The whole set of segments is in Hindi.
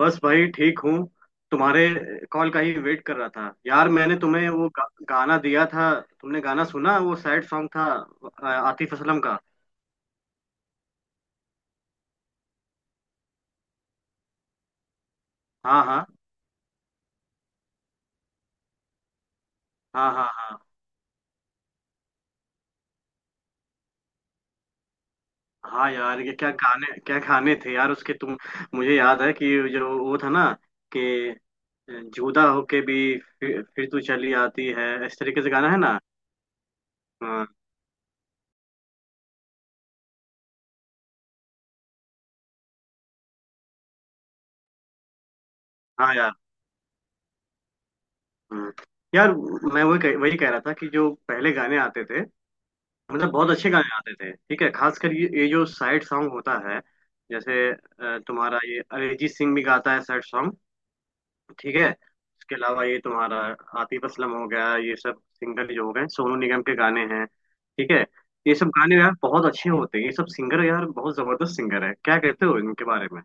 बस भाई ठीक हूँ। तुम्हारे कॉल का ही वेट कर रहा था यार। मैंने तुम्हें वो गाना दिया था, तुमने गाना सुना? वो सैड सॉन्ग था, आतिफ असलम का। हाँ हाँ, हाँ हाँ, हाँ हाँ यार, ये क्या गाने थे यार उसके, तुम। मुझे याद है कि जो वो था ना, कि जुदा होके भी फिर तू चली आती है, इस तरीके से गाना है ना। हाँ हाँ यार। हम्म। यार, मैं वही कह रहा था कि जो पहले गाने आते थे, मतलब बहुत अच्छे गाने आते थे, ठीक है? खासकर ये जो सैड सॉन्ग होता है, जैसे तुम्हारा ये अरिजीत सिंह भी गाता है सैड सॉन्ग। ठीक है, उसके अलावा ये तुम्हारा आतिफ असलम हो गया, ये सब सिंगर जो हो गए, सोनू निगम के गाने हैं, ठीक है। ये सब गाने यार बहुत अच्छे होते हैं, ये सब सिंगर यार बहुत जबरदस्त सिंगर है, क्या कहते हो इनके बारे में?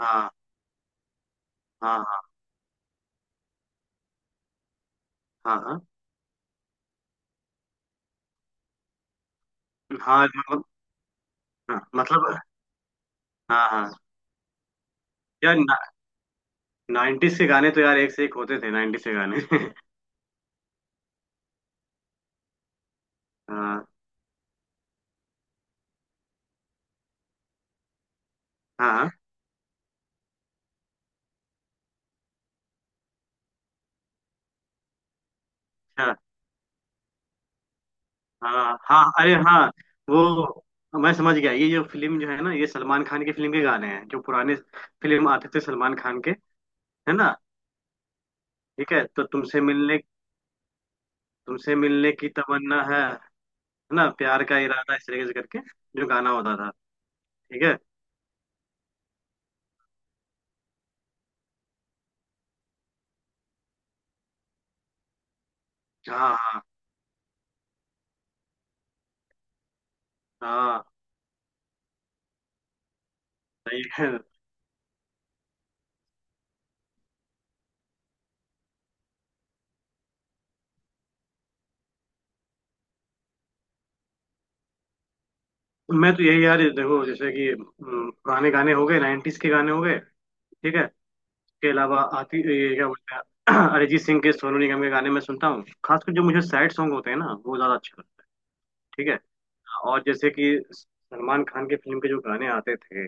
हाँ, हाँ हाँ, हाँ हाँ मतलब, हाँ मतलब, हाँ हाँ यार। नाइन्टीज के गाने तो यार एक से एक होते थे, नाइन्टीज के गाने। हाँ हाँ। अच्छा, हाँ हाँ अरे हाँ, वो मैं समझ गया। ये जो फिल्म जो है ना, ये सलमान खान की फिल्म के गाने हैं, जो पुराने फिल्म आते थे सलमान खान के, है ना। ठीक है, तो तुमसे मिलने, तुमसे मिलने की तमन्ना है ना प्यार का इरादा, इस तरीके से करके जो गाना होता था। ठीक है। हाँ हाँ हाँ। सही है। मैं तो यही यार, देखो जैसे कि पुराने गाने हो गए, नाइन्टीज के गाने हो गए, ठीक है। इसके अलावा आती ये क्या बोलते हैं अरिजीत सिंह के, सोनू निगम के गाने मैं सुनता हूँ, खासकर जो मुझे सैड सॉन्ग होते हैं ना वो ज्यादा अच्छे। ठीक है, और जैसे कि सलमान खान के फिल्म के जो गाने आते थे,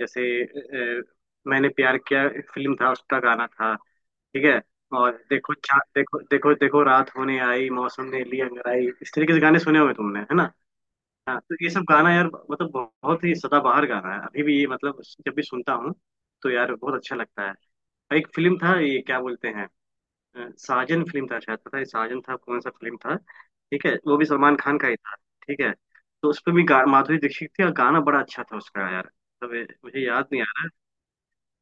जैसे अ, मैंने प्यार किया फिल्म था, उसका गाना था, ठीक है। और देखो, देखो देखो देखो, रात होने आई मौसम ने ली अंगड़ाई, इस तरीके से गाने सुने होंगे तुमने, है ना। हाँ, तो ये सब गाना यार, मतलब बहुत ही सदाबहार गाना है, अभी भी ये मतलब जब भी सुनता हूँ तो यार बहुत अच्छा लगता है। एक फिल्म था, ये क्या बोलते हैं, साजन फिल्म था शायद, पता है साजन, था कौन सा फिल्म था। ठीक है, वो भी सलमान खान का ही था। ठीक है, तो उस पे भी माधुरी दीक्षित थी, और गाना बड़ा अच्छा था उसका यार। तब मुझे याद नहीं आ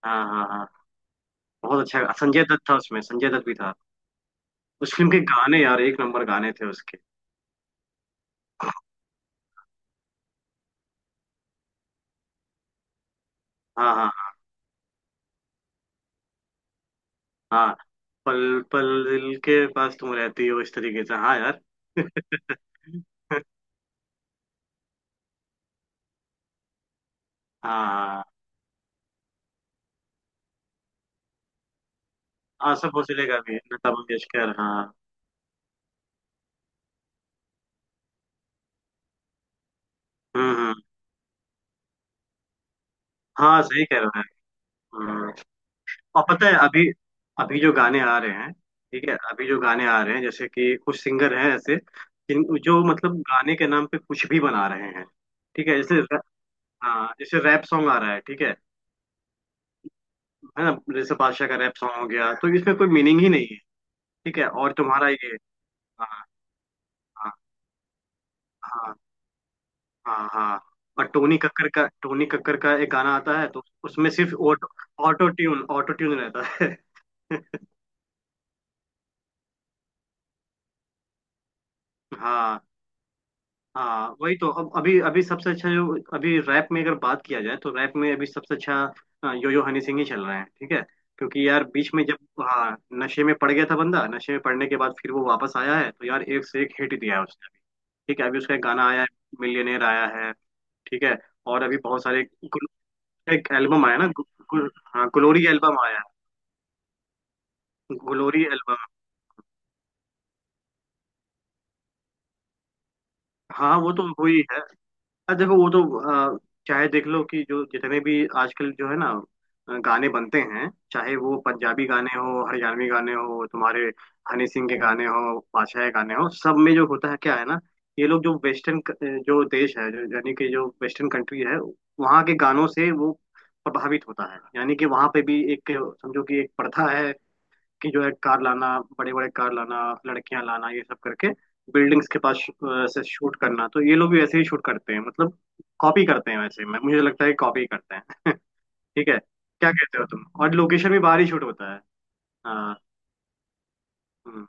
रहा। हाँ हाँ हाँ। बहुत अच्छा, संजय दत्त था उसमें, संजय दत्त भी था। उस फिल्म के गाने यार एक नंबर गाने थे उसके। हाँ हाँ, हाँ हाँ। पल पल दिल के पास तुम रहती हो, इस तरीके से, हाँ यार। हाँ हाँ। आसफ भोसले का भी, लता मंगेशकर, हाँ। हम्म। हाँ सही कह रहे हैं। और पता है अभी, अभी जो गाने आ रहे हैं, ठीक है अभी जो गाने आ रहे हैं, जैसे कि कुछ सिंगर हैं ऐसे, जिन जो मतलब गाने के नाम पे कुछ भी बना रहे हैं। ठीक है, हाँ जैसे रैप सॉन्ग आ रहा है, ठीक है ना। जैसे बादशाह का रैप सॉन्ग हो गया, तो इसमें कोई मीनिंग ही नहीं है। ठीक है, और तुम्हारा ये, हाँ, हाँ हाँ, हाँ हाँ। और टोनी कक्कर का, टोनी कक्कर का एक गाना आता है, तो उसमें सिर्फ auto, auto tune, auto tune रहता है। हाँ हाँ, वही तो। अब अभी अभी सबसे अच्छा जो अभी रैप में अगर बात किया जाए, तो रैप में अभी सबसे अच्छा यो यो हनी सिंह ही चल रहे हैं, ठीक है। क्योंकि यार बीच में जब, हाँ, नशे में पड़ गया था बंदा, नशे में पड़ने के बाद फिर वो वापस आया है, तो यार एक से एक हिट दिया है उसने अभी। ठीक है, अभी उसका एक गाना आया है, मिलियनेयर आया है, ठीक है। और अभी बहुत सारे एक एल्बम आया ना, गु, गु, हाँ ग्लोरी एल्बम आया है, ग्लोरी एल्बम। हाँ वो तो हुई है। देखो वो तो, अ, चाहे देख लो कि जो जितने भी आजकल जो है ना, गाने बनते हैं, चाहे वो पंजाबी गाने हो, हरियाणवी गाने हो, तुम्हारे हनी सिंह के गाने हो, बादशाह के गाने हो, सब में जो होता है क्या है ना, ये लोग जो वेस्टर्न जो देश है, जो यानी कि जो वेस्टर्न कंट्री है, वहाँ के गानों से वो प्रभावित होता है। यानी कि वहाँ पे भी एक, समझो कि एक प्रथा है कि जो है कार लाना, बड़े बड़े कार लाना, लड़कियां लाना, ये सब करके बिल्डिंग्स के पास से शूट करना। तो ये लोग भी वैसे ही शूट करते हैं, मतलब कॉपी करते हैं, वैसे मैं मुझे लगता है कॉपी करते हैं। ठीक है, क्या कहते हो तुम? और लोकेशन भी बाहर ही शूट होता है, हाँ। हम्म।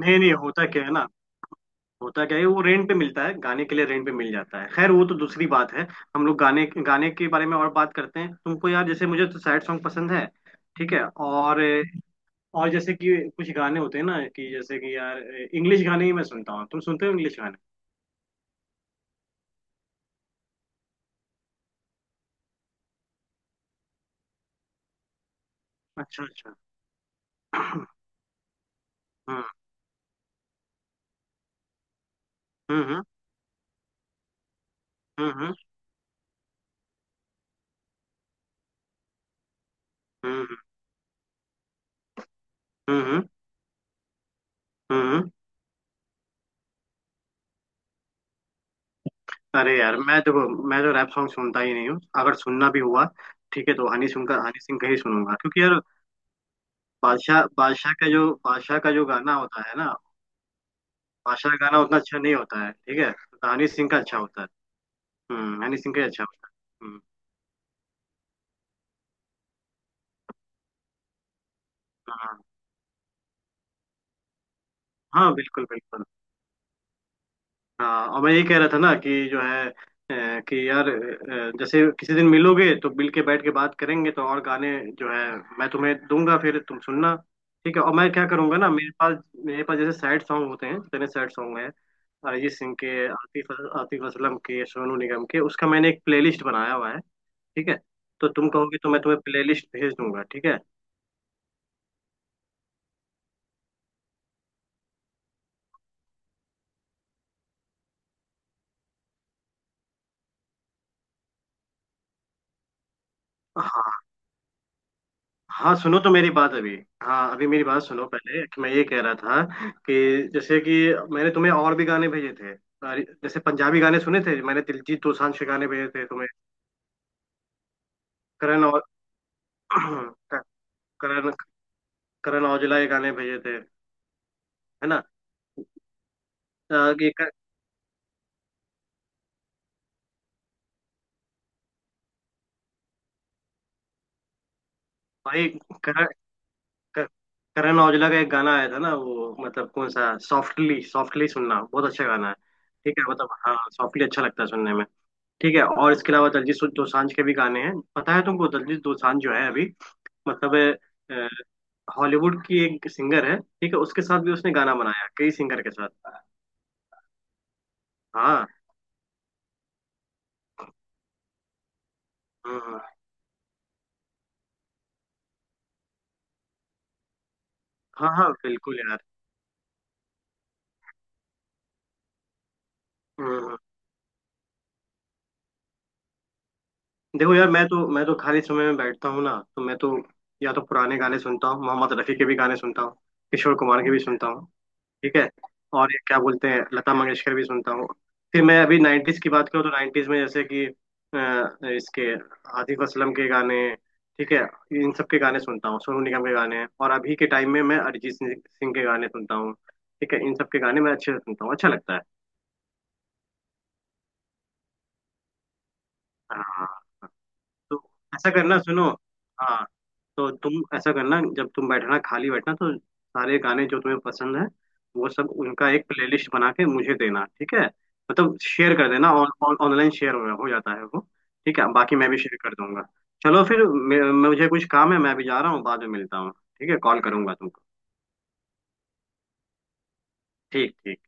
नहीं नहीं होता, क्या है ना, होता क्या है, वो रेंट पे मिलता है, गाने के लिए रेंट पे मिल जाता है। खैर वो तो दूसरी बात है, हम लोग गाने, गाने के बारे में और बात करते हैं। तुमको यार जैसे मुझे तो सैड सॉन्ग पसंद है, ठीक है। और जैसे कि कुछ गाने होते हैं ना कि जैसे कि यार, इंग्लिश गाने ही मैं सुनता हूँ, तुम सुनते हो इंग्लिश गाने? अच्छा अच्छा। हम्म हम्म। हम्म। हम्म हम्म। हम्म। हम्म। अरे यार मैं, देखो मैं तो रैप सॉन्ग सुनता ही नहीं हूँ, अगर सुनना भी हुआ, ठीक है, तो हनी सिंह का, हनी सिंह का ही सुनूंगा, क्योंकि यार बादशाह बादशाह का जो गाना होता है ना, बादशाह का गाना उतना अच्छा नहीं होता है। ठीक है, तो हनी सिंह का अच्छा होता है। हम्म, हनी सिंह का ही अच्छा होता है। हम्म। हाँ हाँ, बिल्कुल बिल्कुल। हाँ, और मैं ये कह रहा था ना कि जो है, कि यार जैसे किसी दिन मिलोगे, तो मिल के बैठ के बात करेंगे, तो और गाने जो है मैं तुम्हें दूंगा, फिर तुम सुनना, ठीक है। और मैं क्या करूंगा ना, मेरे पास, मेरे पास जैसे सैड सॉन्ग होते हैं, जितने सैड सॉन्ग हैं, अरिजीत सिंह के, आतिफ, आतिफ असलम के, सोनू निगम के, उसका मैंने एक प्लेलिस्ट बनाया हुआ है, ठीक है। तो तुम कहोगे तो मैं तुम्हें प्लेलिस्ट भेज दूंगा, ठीक है। हाँ, हाँ सुनो तो मेरी बात अभी, हाँ अभी मेरी बात सुनो पहले, कि मैं ये कह रहा था कि जैसे कि, मैंने तुम्हें और भी गाने भेजे थे अरे, जैसे पंजाबी गाने सुने थे, मैंने दिलजीत दोसांझ के गाने भेजे थे तुम्हें, करण, और करण, करण औजला के गाने भेजे थे, है ना। अ, कि क- भाई करण, क- करण औजला का एक गाना आया था ना, वो मतलब कौन सा, सॉफ्टली, सॉफ्टली सुनना, बहुत अच्छा गाना है। ठीक है, मतलब हाँ सॉफ्टली अच्छा लगता है सुनने में। ठीक है, और इसके अलावा दलजीत दोसांझ के भी गाने हैं, पता है तुमको दलजीत दोसांझ जो है अभी, मतलब, अ, हॉलीवुड की एक सिंगर है, ठीक है, उसके साथ भी उसने गाना बनाया, कई सिंगर के साथ। हाँ। हम्म। हाँ हाँ, हाँ बिल्कुल यार। हम्म देखो यार, मैं तो, मैं तो खाली समय में बैठता हूँ ना, तो मैं तो या तो पुराने गाने सुनता हूँ, मोहम्मद रफी के भी गाने सुनता हूँ, किशोर कुमार के भी सुनता हूँ, ठीक है। और ये क्या बोलते हैं, लता मंगेशकर भी सुनता हूँ। फिर मैं अभी नाइन्टीज की बात करूँ, तो नाइन्टीज में जैसे कि इसके आतिफ असलम के गाने, ठीक है, इन सब के गाने सुनता हूँ, सोनू निगम के गाने। और अभी के टाइम में मैं अरिजीत सिंह सिंह के गाने सुनता हूँ, ठीक है। इन सब के गाने मैं अच्छे से सुनता हूँ, अच्छा लगता है। हाँ, तो ऐसा करना, सुनो हाँ, तो तुम ऐसा करना, जब तुम बैठना, खाली बैठना, तो सारे गाने जो तुम्हें पसंद है, वो सब उनका एक प्लेलिस्ट बना के मुझे देना, ठीक है। मतलब शेयर कर देना, ऑन ऑनलाइन शेयर हो जाता है वो, ठीक है। बाकी मैं भी शेयर कर दूंगा। चलो फिर मुझे कुछ काम है, मैं भी जा रहा हूँ, बाद में मिलता हूँ, ठीक है। कॉल करूंगा तुमको। ठीक ठीक।